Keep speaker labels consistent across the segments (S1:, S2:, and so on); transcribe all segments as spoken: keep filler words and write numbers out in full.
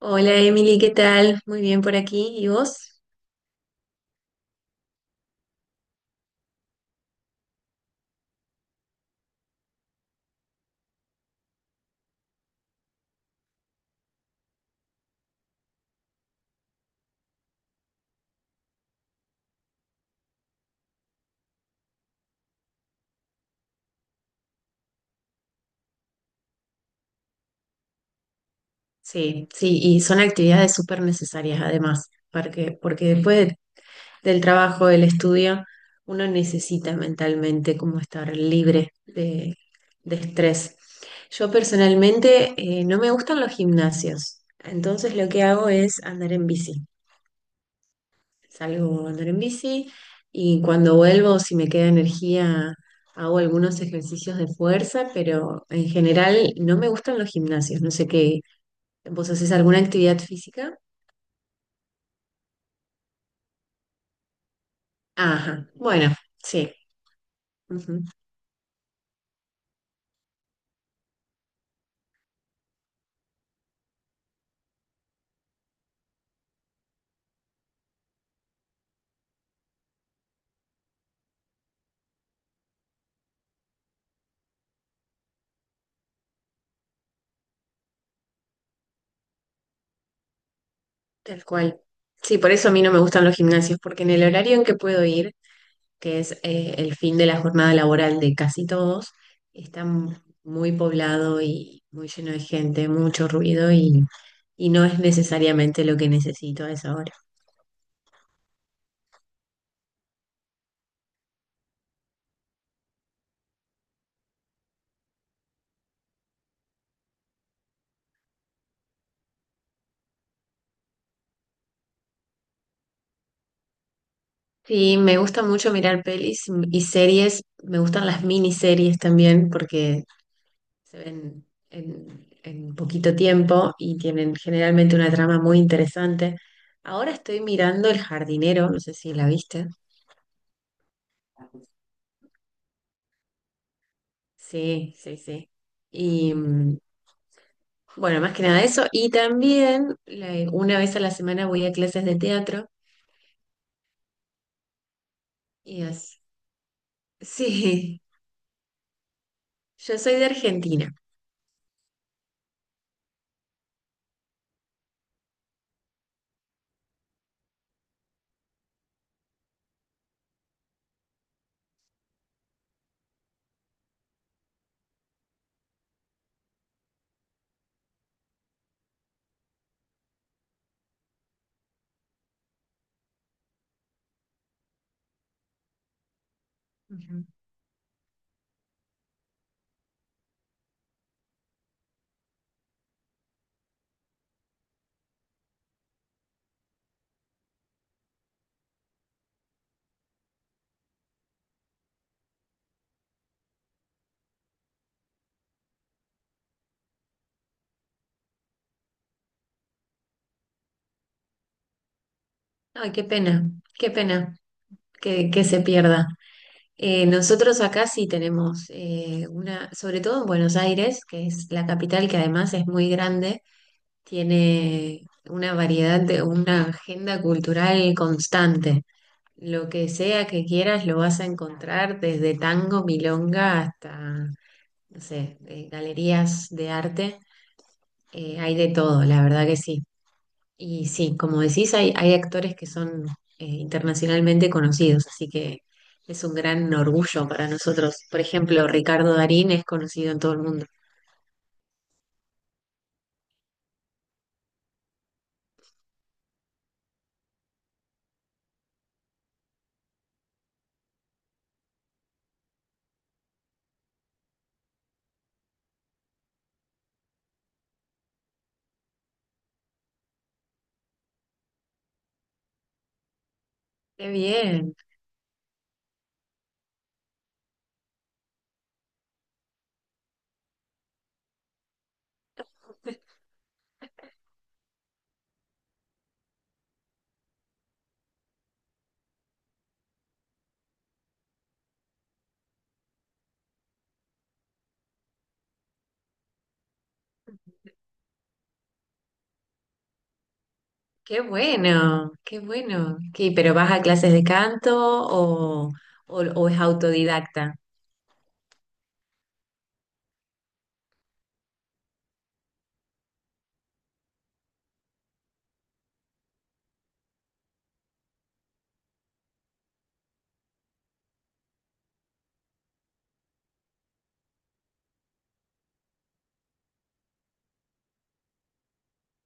S1: Hola Emily, ¿qué tal? Muy bien por aquí. ¿Y vos? Sí, sí, y son actividades súper necesarias además, porque, porque después de- del trabajo, del estudio, uno necesita mentalmente como estar libre de, de estrés. Yo personalmente eh, no me gustan los gimnasios, entonces lo que hago es andar en bici. Salgo a andar en bici y cuando vuelvo, si me queda energía, hago algunos ejercicios de fuerza, pero en general no me gustan los gimnasios. No sé qué, ¿vos haces alguna actividad física? Ajá, bueno, sí, ujú, tal cual. Sí, por eso a mí no me gustan los gimnasios, porque en el horario en que puedo ir, que es eh, el fin de la jornada laboral de casi todos, está m- muy poblado y muy lleno de gente, mucho ruido y, y no es necesariamente lo que necesito a esa hora. Sí, me gusta mucho mirar pelis y series, me gustan las miniseries también porque se ven en, en poquito tiempo y tienen generalmente una trama muy interesante. Ahora estoy mirando El jardinero, no sé si la viste. Sí, sí, sí. Y, mm, Bueno, más que nada eso. Y también la- una vez a la semana voy a clases de teatro. Y así. Sí, yo soy de Argentina. Ujú. Ay, qué pena, qué pena que, que se pierda. Eh, nosotros acá sí tenemos eh, una, sobre todo en Buenos Aires, que es la capital que además es muy grande, tiene una variedad de una agenda cultural constante. Lo que sea que quieras lo vas a encontrar desde tango, milonga hasta no sé, eh, galerías de arte, eh, hay de todo, la verdad que sí. Y sí, como decís, hay, hay actores que son eh, internacionalmente conocidos, así que es un gran orgullo para nosotros. Por ejemplo, Ricardo Darín es conocido en todo el mundo. ¡Qué bien! ¡Qué bueno! ¡Qué bueno! ¿Qué, pero vas a clases de canto o, o, o es autodidacta?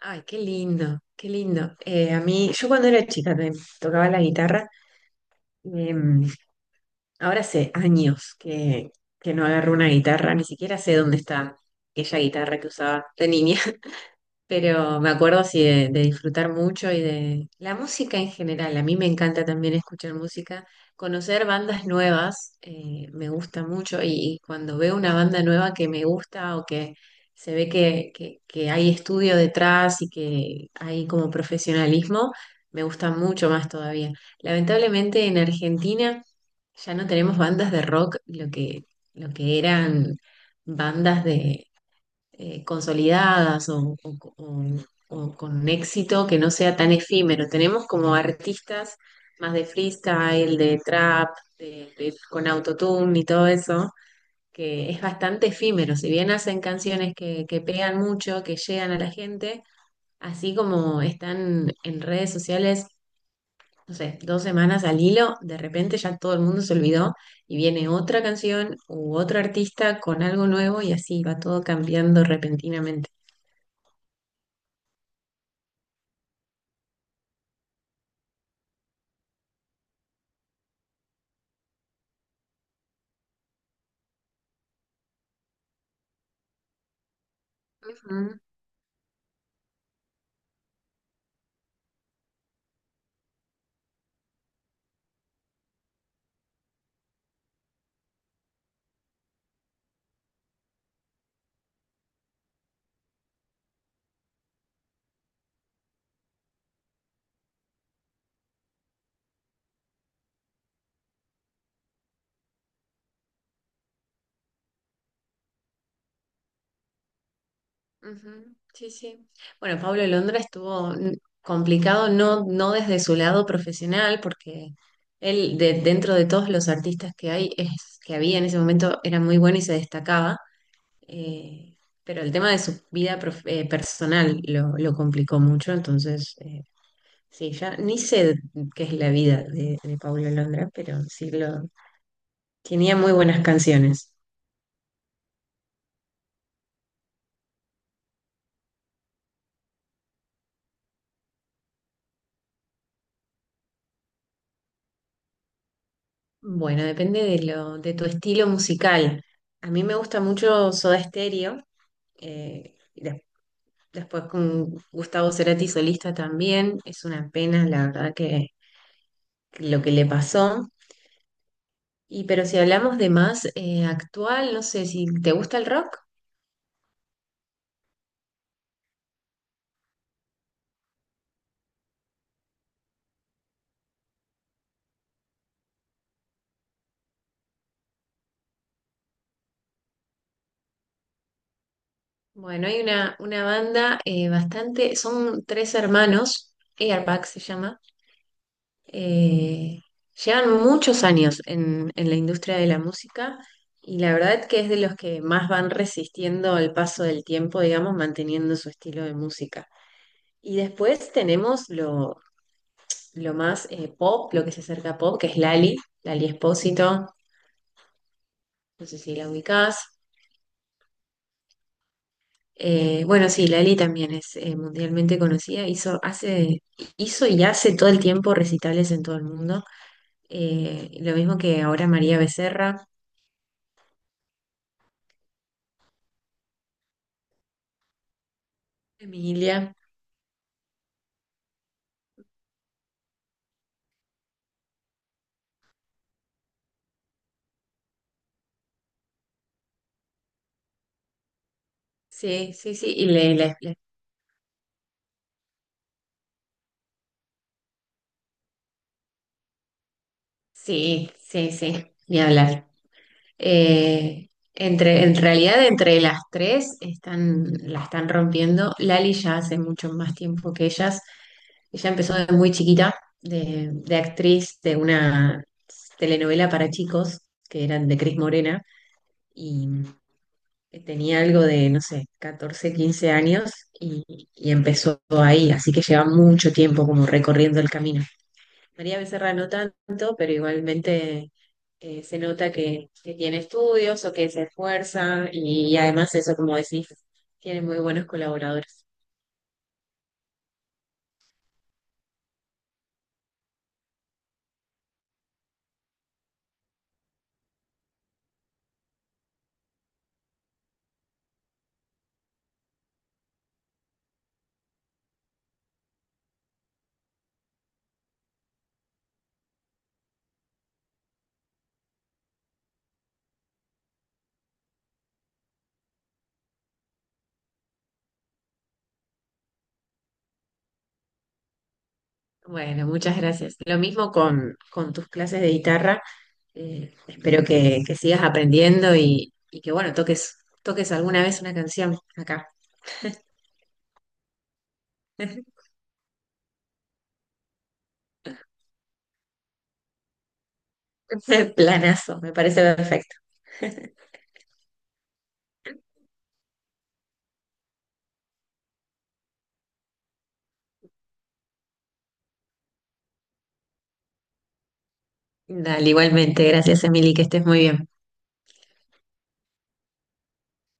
S1: ¡Ay, qué lindo! ¡Qué lindo! Eh, a mí, yo cuando era chica me tocaba la guitarra. Em, Ahora hace años que, que no agarro una guitarra, ni siquiera sé dónde está aquella guitarra que usaba de niña, pero me acuerdo así de, de disfrutar mucho y de la música en general. A mí me encanta también escuchar música, conocer bandas nuevas, eh, me gusta mucho y, y cuando veo una banda nueva que me gusta o que se ve que, que, que hay estudio detrás y que hay como profesionalismo, me gusta mucho más todavía. Lamentablemente en Argentina... Ya no tenemos bandas de rock, lo que, lo que eran bandas de eh, consolidadas o, o- o- o con éxito que no sea tan efímero. Tenemos como artistas más de freestyle, de trap, de- de- con autotune y todo eso, que es bastante efímero. Si bien hacen canciones que, que pegan mucho, que llegan a la gente, así como están en redes sociales no sé, dos semanas al hilo, de repente ya todo el mundo se olvidó y viene otra canción u otro artista con algo nuevo y así va todo cambiando repentinamente. Ujú, ujú, sí, sí. Bueno, Pablo Londra estuvo mm, complicado, no, no desde su lado profesional, porque él, de, dentro de todos los artistas que hay, es, que había en ese momento, era muy bueno y se destacaba. eh, pero el tema de su vida prof- eh, personal lo, lo complicó mucho, entonces eh, sí, ya ni sé qué es la vida de, de Paulo Londra, pero sí lo tenía muy buenas canciones. Bueno, depende de lo, de tu estilo musical. A mí me gusta mucho Soda Stereo, eh, y des- después con Gustavo Cerati solista también. Es una pena, la verdad, que, que lo que le pasó. Y pero si hablamos de más eh, actual, no sé si te gusta el rock. Bueno, hay una, una banda eh, bastante, son tres hermanos, Airbag se llama. Eh, llevan muchos años en, en la industria de la música y la verdad que es de los que más van resistiendo el paso del tiempo, digamos, manteniendo su estilo de música. Y después tenemos lo, lo más eh, pop, lo que se acerca a pop, que es Lali, Lali Espósito, no sé si la ubicás. Eh, bueno, sí, Lali también es eh, mundialmente conocida, hizo, hace, hizo y hace todo el tiempo recitales en todo el mundo. Eh, lo mismo que ahora María Becerra, Emilia. Sí, sí, sí, y le, le- le- sí, sí, sí, ni hablar. Eh, entre, en realidad, entre las tres están, la están rompiendo. Lali ya hace mucho más tiempo que ellas. Ella empezó de muy chiquita, de, de actriz de una telenovela para chicos, que eran de Cris Morena, y tenía algo de, no sé, catorce, quince años, y, y empezó ahí, así que lleva mucho tiempo como recorriendo el camino. María Becerra no tanto, pero igualmente eh, se nota que, que tiene estudios o que se esfuerza y, además eso, como decís, tiene muy buenos colaboradores. Bueno, muchas gracias. Lo mismo con, con tus clases de guitarra. Eh, espero que, que sigas aprendiendo y, y que, bueno, toques, toques alguna vez una canción acá. Planazo, me parece perfecto. Dale, igualmente. Gracias, Emily, que estés muy bien.